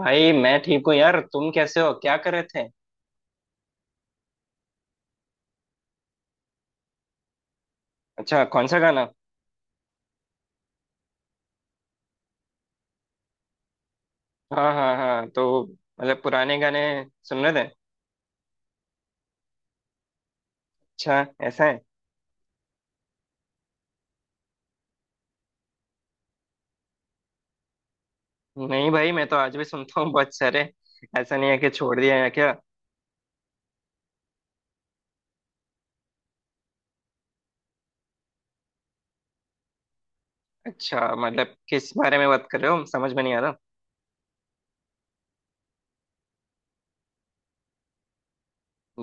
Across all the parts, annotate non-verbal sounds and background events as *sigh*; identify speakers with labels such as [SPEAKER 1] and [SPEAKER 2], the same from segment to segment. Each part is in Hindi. [SPEAKER 1] भाई मैं ठीक हूँ यार। तुम कैसे हो? क्या कर रहे थे? अच्छा, कौन सा गाना? हाँ हाँ हाँ तो मतलब पुराने गाने सुन रहे थे? अच्छा, ऐसा है? नहीं भाई, मैं तो आज भी सुनता हूँ बहुत सारे। ऐसा नहीं है कि छोड़ दिया या क्या। अच्छा मतलब किस बारे में बात कर रहे हो, समझ में नहीं आ रहा।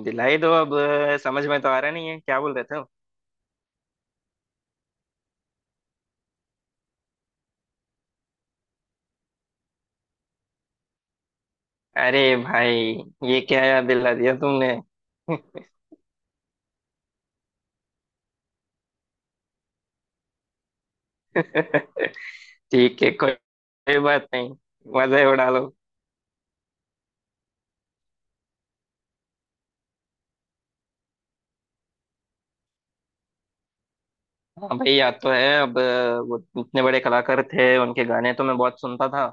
[SPEAKER 1] दिलाई दो अब। समझ में तो आ रहा नहीं है क्या बोल रहे थे। अरे भाई, ये क्या याद दिला दिया तुमने। *laughs* ठीक है, कोई कोई बात नहीं। मजा ही उड़ा लो। हाँ भाई याद तो है। अब वो इतने बड़े कलाकार थे, उनके गाने तो मैं बहुत सुनता था।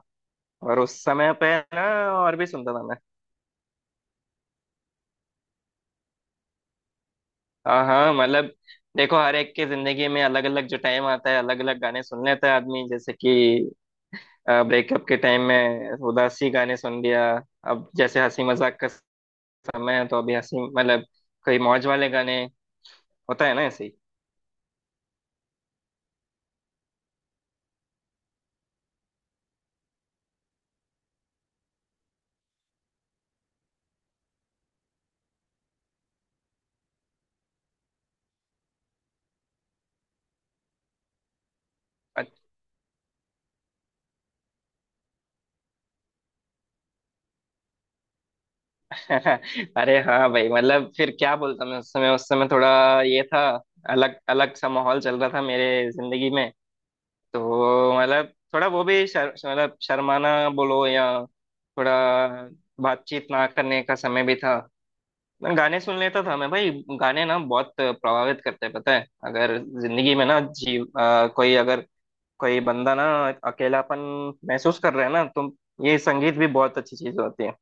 [SPEAKER 1] और उस समय पे ना और भी सुनता था मैं। हाँ हाँ मतलब देखो, हर एक की जिंदगी में अलग अलग जो टाइम आता है, अलग अलग गाने सुन लेता है आदमी। जैसे कि ब्रेकअप के टाइम में उदासी गाने सुन लिया। अब जैसे हंसी मजाक का समय है, तो अभी हंसी मतलब कोई मौज वाले गाने। होता है ना ऐसे ही। *laughs* अरे हाँ भाई, मतलब फिर क्या बोलता मैं। उस समय थोड़ा ये था। अलग अलग सा माहौल चल रहा था मेरे जिंदगी में। तो मतलब थोड़ा वो भी मतलब शर्माना बोलो या थोड़ा बातचीत ना करने का समय भी था। मैं गाने सुन लेता था मैं भाई। गाने ना बहुत प्रभावित करते हैं, पता है? अगर जिंदगी में ना जी कोई अगर, कोई बंदा ना अकेलापन महसूस कर रहा है ना, तो ये संगीत भी बहुत अच्छी चीज होती है।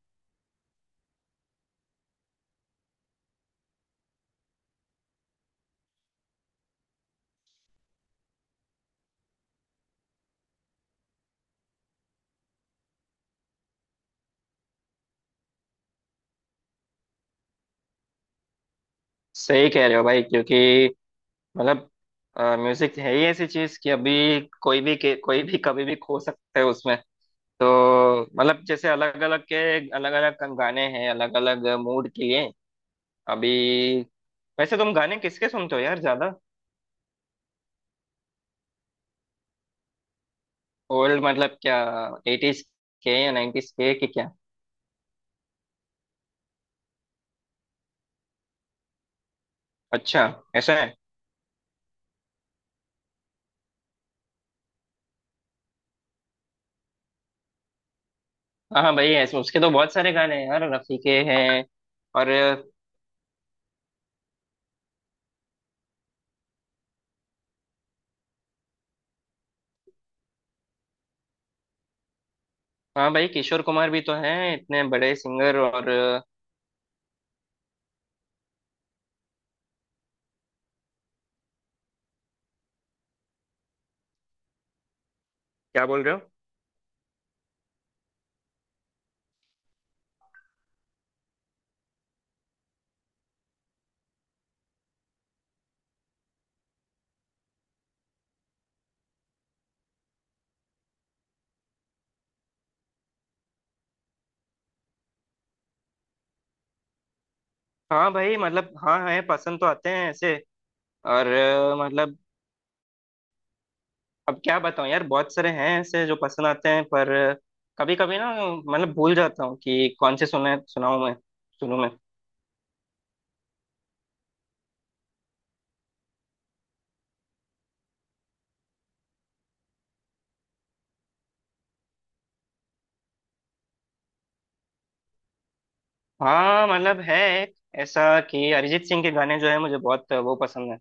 [SPEAKER 1] सही कह रहे हो भाई, क्योंकि मतलब म्यूजिक है ही ऐसी चीज कि अभी कोई भी कभी भी खो सकते हैं उसमें। तो मतलब जैसे अलग अलग के, अलग अलग गाने हैं अलग अलग मूड के लिए। अभी वैसे तुम गाने किसके सुनते हो यार ज्यादा? ओल्ड मतलब क्या, एटीज के या नाइन्टीज के कि क्या? अच्छा, ऐसा है। हाँ हाँ भाई ऐसे उसके तो बहुत सारे गाने हैं यार, रफी के हैं। और हाँ भाई, किशोर कुमार भी तो हैं इतने बड़े सिंगर। और क्या बोल रहे हो। हाँ भाई मतलब हाँ है, पसंद तो आते हैं ऐसे। और मतलब अब क्या बताऊँ यार, बहुत सारे हैं ऐसे जो पसंद आते हैं। पर कभी कभी ना मतलब भूल जाता हूँ कि कौन से सुने, सुनाऊँ मैं, सुनूँ मैं। हाँ मतलब है एक ऐसा कि अरिजीत सिंह के गाने जो है मुझे बहुत वो पसंद है।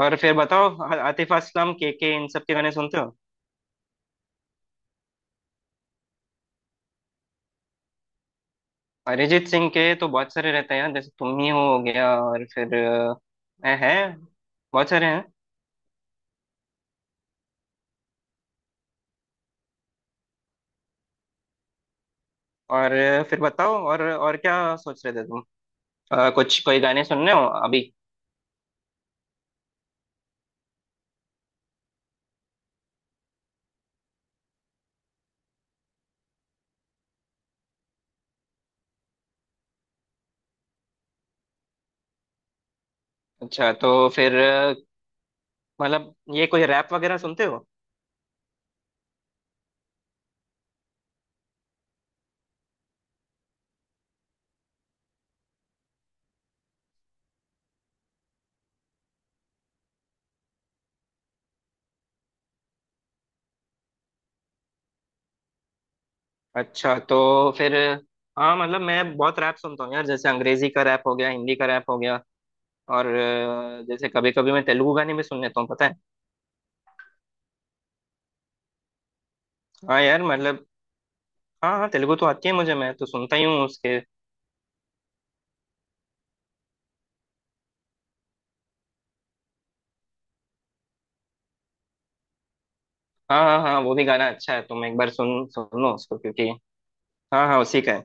[SPEAKER 1] और फिर बताओ, आतिफ असलम के इन सब के गाने सुनते हो? अरिजीत सिंह के तो बहुत सारे रहते हैं यार, जैसे तुम ही हो गया। और फिर है। बहुत सारे हैं। और फिर बताओ, और क्या सोच रहे थे तुम? कुछ कोई गाने सुनने हो अभी? अच्छा तो फिर मतलब ये कोई रैप वगैरह सुनते हो? अच्छा तो फिर हाँ मतलब मैं बहुत रैप सुनता हूँ यार। जैसे अंग्रेजी का रैप हो गया, हिंदी का रैप हो गया। और जैसे कभी कभी मैं तेलुगु गाने भी सुन लेता हूँ, पता है? हाँ यार मतलब हाँ हाँ, तेलुगु तो आती है मुझे, मैं तो सुनता ही हूँ उसके। हाँ हाँ हाँ वो भी गाना अच्छा है, तुम एक बार सुन सुन लो उसको, क्योंकि हाँ हाँ उसी का है।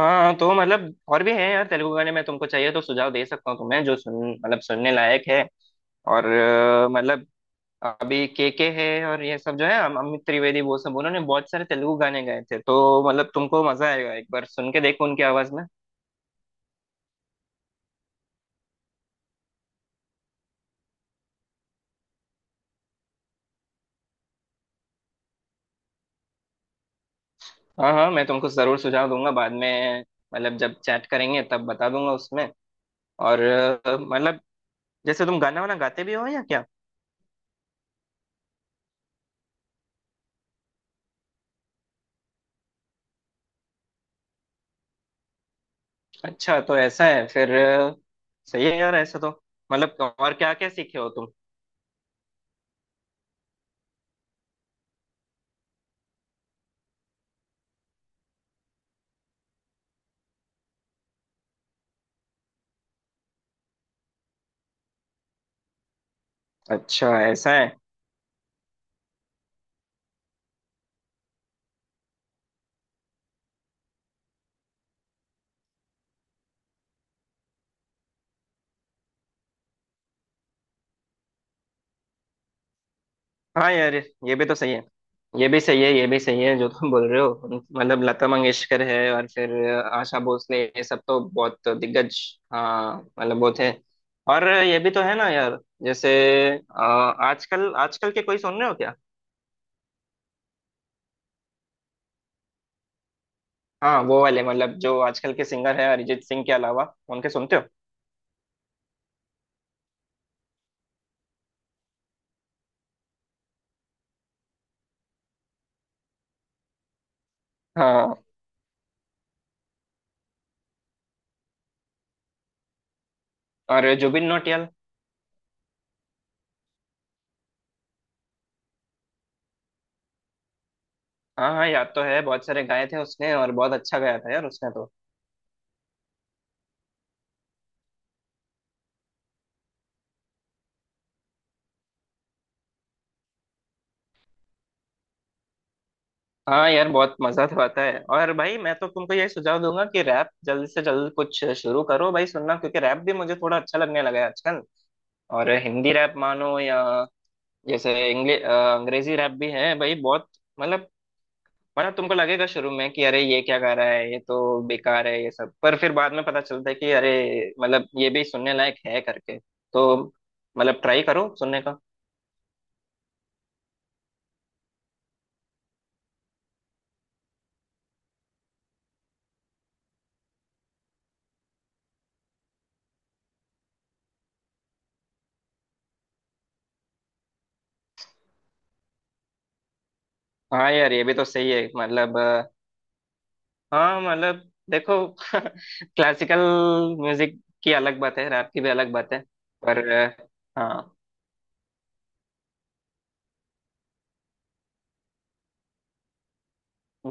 [SPEAKER 1] हाँ तो मतलब और भी है यार तेलुगु गाने में, तुमको चाहिए तो सुझाव दे सकता हूँ तुम्हें जो सुन मतलब सुनने लायक है। और मतलब अभी के है और ये सब जो है अमित त्रिवेदी, वो सब उन्होंने बहुत सारे तेलुगु गाने गाए थे, तो मतलब तुमको मजा आएगा एक बार सुन के देखो उनकी आवाज में। हाँ हाँ मैं तुमको जरूर सुझाव दूंगा बाद में। मतलब जब चैट करेंगे तब बता दूंगा उसमें। और मतलब जैसे तुम गाना वाना गाते भी हो या क्या? अच्छा तो ऐसा है फिर सही है यार ऐसा तो। मतलब और क्या क्या सीखे हो तुम? अच्छा, ऐसा है। हाँ यार ये भी तो सही है, ये भी सही है, ये भी सही है जो तुम बोल रहे हो। मतलब लता मंगेशकर है और फिर आशा भोसले, ये सब तो बहुत दिग्गज। हाँ मतलब बहुत है। और ये भी तो है ना यार, जैसे आजकल, आजकल के कोई सुन रहे हो क्या? हाँ वो वाले मतलब जो आजकल के सिंगर है, अरिजीत सिंह के अलावा उनके सुनते हो? हाँ, और जुबिन नौटियाल। हाँ हाँ याद तो है, बहुत सारे गाए थे उसने और बहुत अच्छा गाया था यार उसने तो। हाँ यार बहुत मजा तो आता है। और भाई मैं तो तुमको ये सुझाव दूंगा कि रैप जल्द से जल्द कुछ शुरू करो भाई सुनना, क्योंकि रैप भी मुझे थोड़ा अच्छा लगने लगा है आजकल। और हिंदी रैप मानो या जैसे इंग्लिश अंग्रेजी रैप भी है भाई बहुत। मतलब मतलब तुमको लगेगा शुरू में कि अरे ये क्या गा रहा है, ये तो बेकार है ये सब, पर फिर बाद में पता चलता है कि अरे मतलब ये भी सुनने लायक है करके। तो मतलब ट्राई करो सुनने का। हाँ यार ये भी तो सही है। मतलब हाँ मतलब देखो *laughs* क्लासिकल म्यूजिक की अलग बात है, रैप की भी अलग बात है। पर हाँ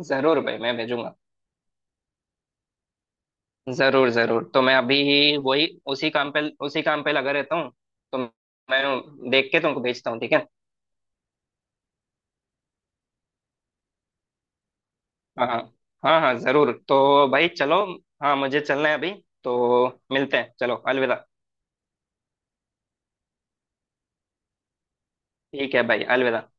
[SPEAKER 1] जरूर भाई, मैं भेजूंगा। जरूर जरूर। तो मैं अभी ही वही उसी काम पे उसी काम पे लगा रहता हूँ। तो मैं देख के तुमको भेजता हूँ, ठीक है? हाँ हाँ। हाँ हाँ जरूर। तो भाई चलो, हाँ मुझे चलना है अभी। तो मिलते हैं, चलो अलविदा। ठीक है भाई, अलविदा।